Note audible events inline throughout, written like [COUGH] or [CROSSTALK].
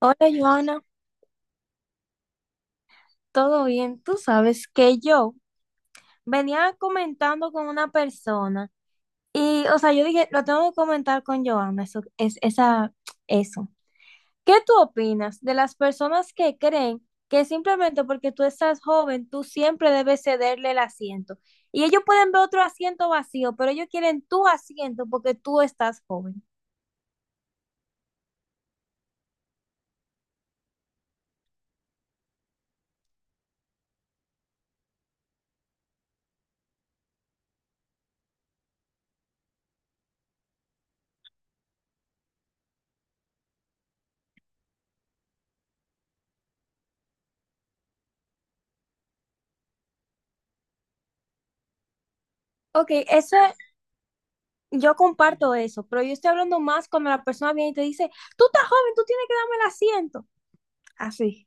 Hola Joana, ¿todo bien? Tú sabes que yo venía comentando con una persona y, o sea, yo dije, lo tengo que comentar con Joana, eso. ¿Qué tú opinas de las personas que creen que simplemente porque tú estás joven, tú siempre debes cederle el asiento? Y ellos pueden ver otro asiento vacío, pero ellos quieren tu asiento porque tú estás joven. Ok, eso, yo comparto eso, pero yo estoy hablando más cuando la persona viene y te dice, tú estás joven, tú tienes que darme el asiento. Así.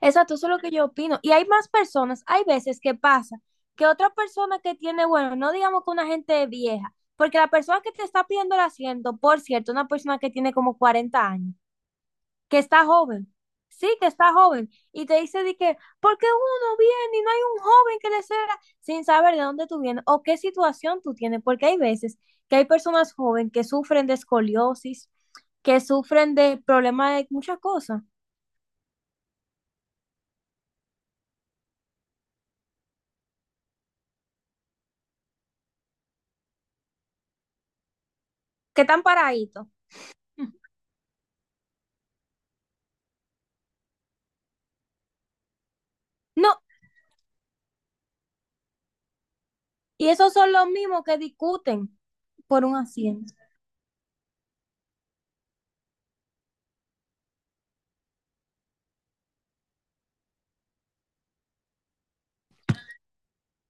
Exacto, eso es lo que yo opino. Y hay más personas, hay veces que pasa que otra persona que tiene, bueno, no digamos que una gente vieja, porque la persona que te está pidiendo el asiento, por cierto, una persona que tiene como 40 años, que está joven, sí, que está joven, y te dice de que, ¿por qué uno viene y no hay un joven que le ceda sin saber de dónde tú vienes o qué situación tú tienes? Porque hay veces que hay personas jóvenes que sufren de escoliosis, que sufren de problemas de muchas cosas, que están paraditos. No, y esos son los mismos que discuten por un asiento.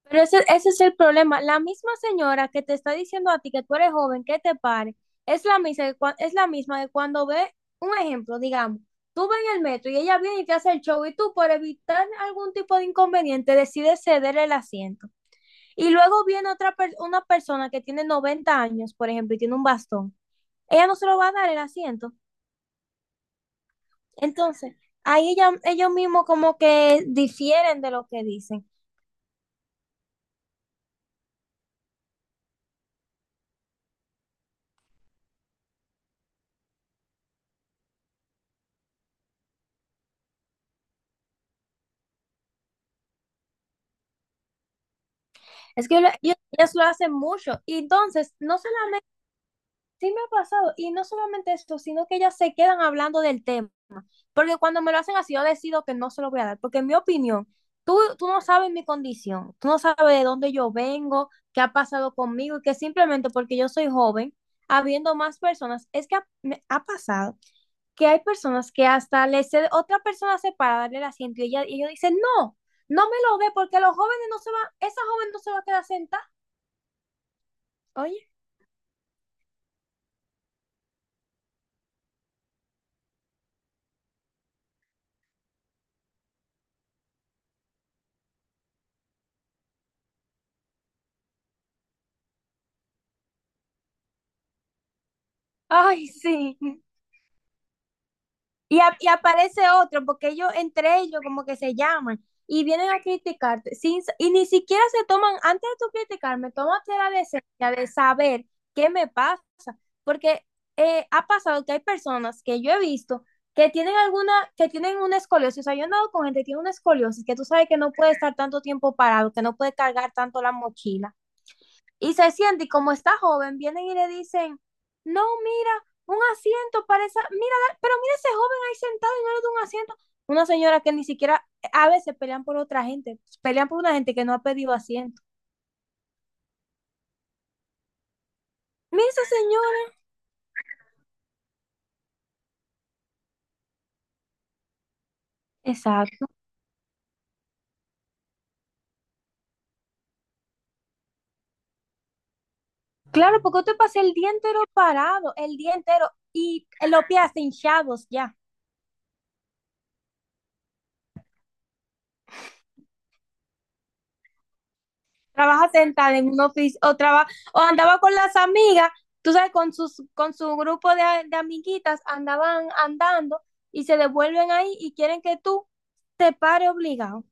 Pero ese es el problema. La misma señora que te está diciendo a ti que tú eres joven, que te pare, es la misma, es la misma que cuando ve un ejemplo, digamos, tú vas en el metro y ella viene y te hace el show y tú por evitar algún tipo de inconveniente decides ceder el asiento. Y luego viene una persona que tiene 90 años, por ejemplo, y tiene un bastón. Ella no se lo va a dar el asiento. Entonces, ellos mismos como que difieren de lo que dicen. Ellos, ellas lo hacen mucho. Y entonces, no solamente, sí me ha pasado, y no solamente esto, sino que ellas se quedan hablando del tema. Porque cuando me lo hacen así, yo decido que no se lo voy a dar. Porque en mi opinión, tú no sabes mi condición, tú no sabes de dónde yo vengo, qué ha pasado conmigo, y que simplemente porque yo soy joven, habiendo más personas, me ha pasado que hay personas que hasta le cede, otra persona se para darle el asiento y ella, y ellos dicen, no, no me lo dé porque los jóvenes no se van, esa joven no se va a quedar sentada. Oye, ay, sí. Y aparece otro porque ellos entre ellos como que se llaman y vienen a criticarte sin, y ni siquiera se toman, antes de tú criticarme, tómate la decencia de saber qué me pasa. Porque ha pasado que hay personas que yo he visto que tienen alguna, que tienen una escoliosis, o sea, yo he andado con gente que tiene una escoliosis, que tú sabes que no puede estar tanto tiempo parado, que no puede cargar tanto la mochila, y se siente, y como está joven, vienen y le dicen, no, mira, un asiento para esa, mira, pero mira ese joven ahí sentado y no le da un asiento. Una señora que ni siquiera, a veces pelean por otra gente, pelean por una gente que no ha pedido asiento. Mira esa señora. Exacto. Claro, porque te pasé el día entero parado, el día entero, y los pies hasta hinchados ya. Trabaja sentada en un oficio, o andaba con las amigas, tú sabes, con su grupo de amiguitas, andaban andando y se devuelven ahí y quieren que tú te pare obligado.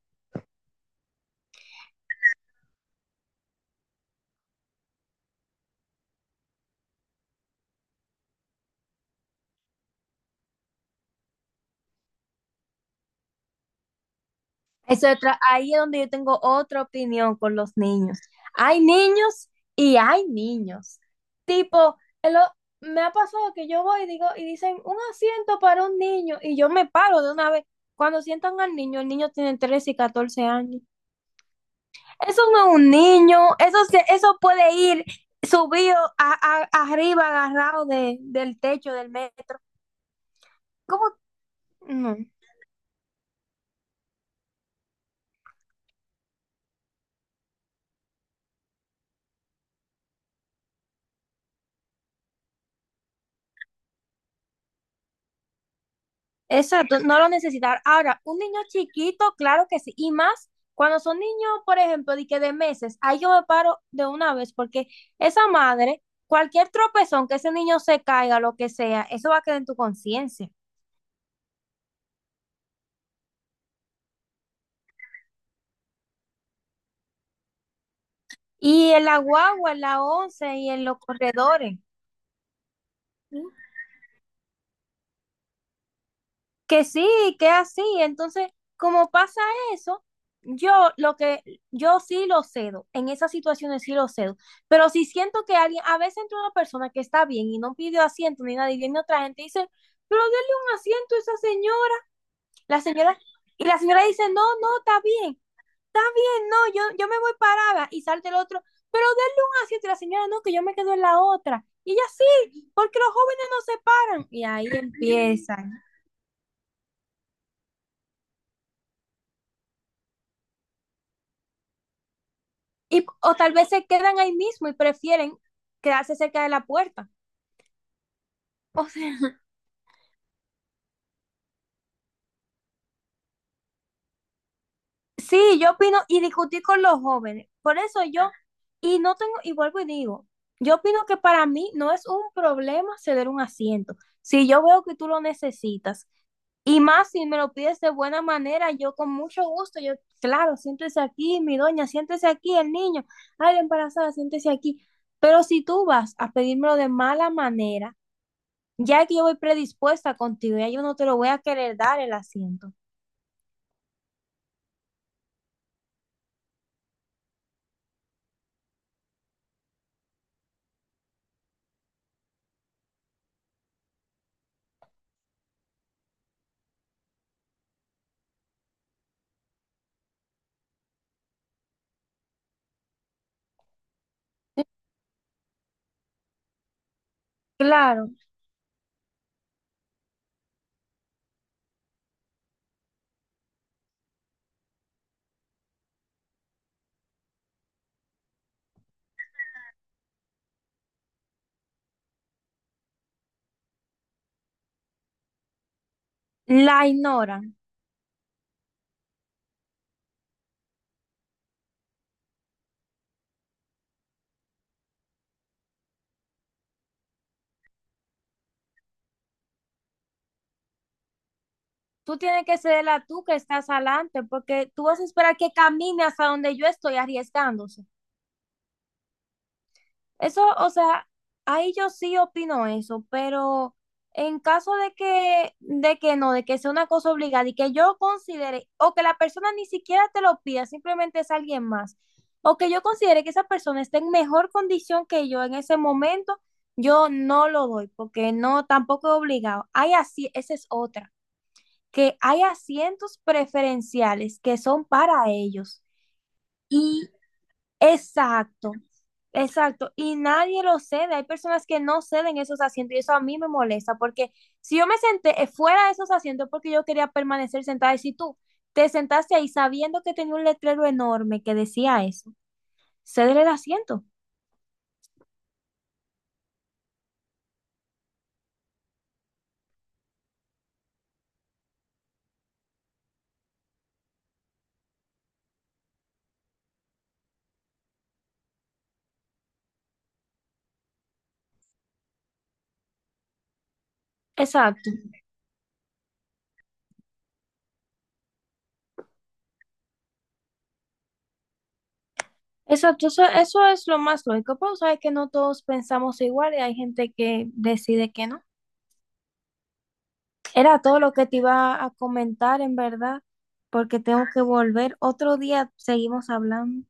Ahí es donde yo tengo otra opinión con los niños. Hay niños y hay niños. Tipo, el o- me ha pasado que yo voy y digo, y dicen un asiento para un niño, y yo me paro de una vez. Cuando sientan al niño, el niño tiene 13 y 14 años. Eso no es un niño, eso puede ir subido arriba, agarrado de, del techo del metro. ¿Cómo? No. Exacto, no lo necesitar. Ahora, un niño chiquito, claro que sí. Y más cuando son niños, por ejemplo, de meses, ahí yo me paro de una vez, porque esa madre, cualquier tropezón que ese niño se caiga, lo que sea, eso va a quedar en tu conciencia. Y en la guagua, en la once y en los corredores. Que sí, que así. Entonces, como pasa eso, yo lo que yo sí lo cedo, en esas situaciones sí lo cedo, pero si siento que alguien, a veces entre una persona que está bien y no pidió asiento ni nada y viene otra gente y dice, pero denle un asiento a esa señora. La señora y la señora dice, "No, no, está bien. Está bien, no, yo me voy parada." Y salta el otro, "Pero denle un asiento." Y la señora, "No, que yo me quedo en la otra." Y ella sí, porque los jóvenes no se paran. Y ahí [LAUGHS] empieza. Y, o tal vez se quedan ahí mismo y prefieren quedarse cerca de la puerta. O sea, [LAUGHS] sí, yo opino y discutí con los jóvenes. Por eso yo, y no tengo, y vuelvo y digo, yo opino que para mí no es un problema ceder un asiento. Si yo veo que tú lo necesitas, y más si me lo pides de buena manera, yo con mucho gusto, yo, claro, siéntese aquí, mi doña, siéntese aquí, el niño, ay, la embarazada, siéntese aquí. Pero si tú vas a pedírmelo de mala manera, ya que yo voy predispuesta contigo, ya yo no te lo voy a querer dar el asiento. Claro, la ignoran. Tú tienes que cederla tú que estás adelante, porque tú vas a esperar que camine hasta donde yo estoy arriesgándose. Eso, o sea, ahí yo sí opino eso, pero en caso de que no, de que sea una cosa obligada y que yo considere, o que la persona ni siquiera te lo pida, simplemente es alguien más, o que yo considere que esa persona está en mejor condición que yo en ese momento, yo no lo doy, porque no, tampoco es obligado. Hay así, esa es otra, que hay asientos preferenciales que son para ellos. Exacto, exacto. Y nadie lo cede. Hay personas que no ceden esos asientos y eso a mí me molesta porque si yo me senté fuera de esos asientos porque yo quería permanecer sentada y si tú te sentaste ahí sabiendo que tenía un letrero enorme que decía eso, cédele el asiento. Exacto, exacto. Eso, eso es lo más lógico. Pero sabes que no todos pensamos igual y hay gente que decide que no. Era todo lo que te iba a comentar, en verdad, porque tengo que volver. Otro día seguimos hablando.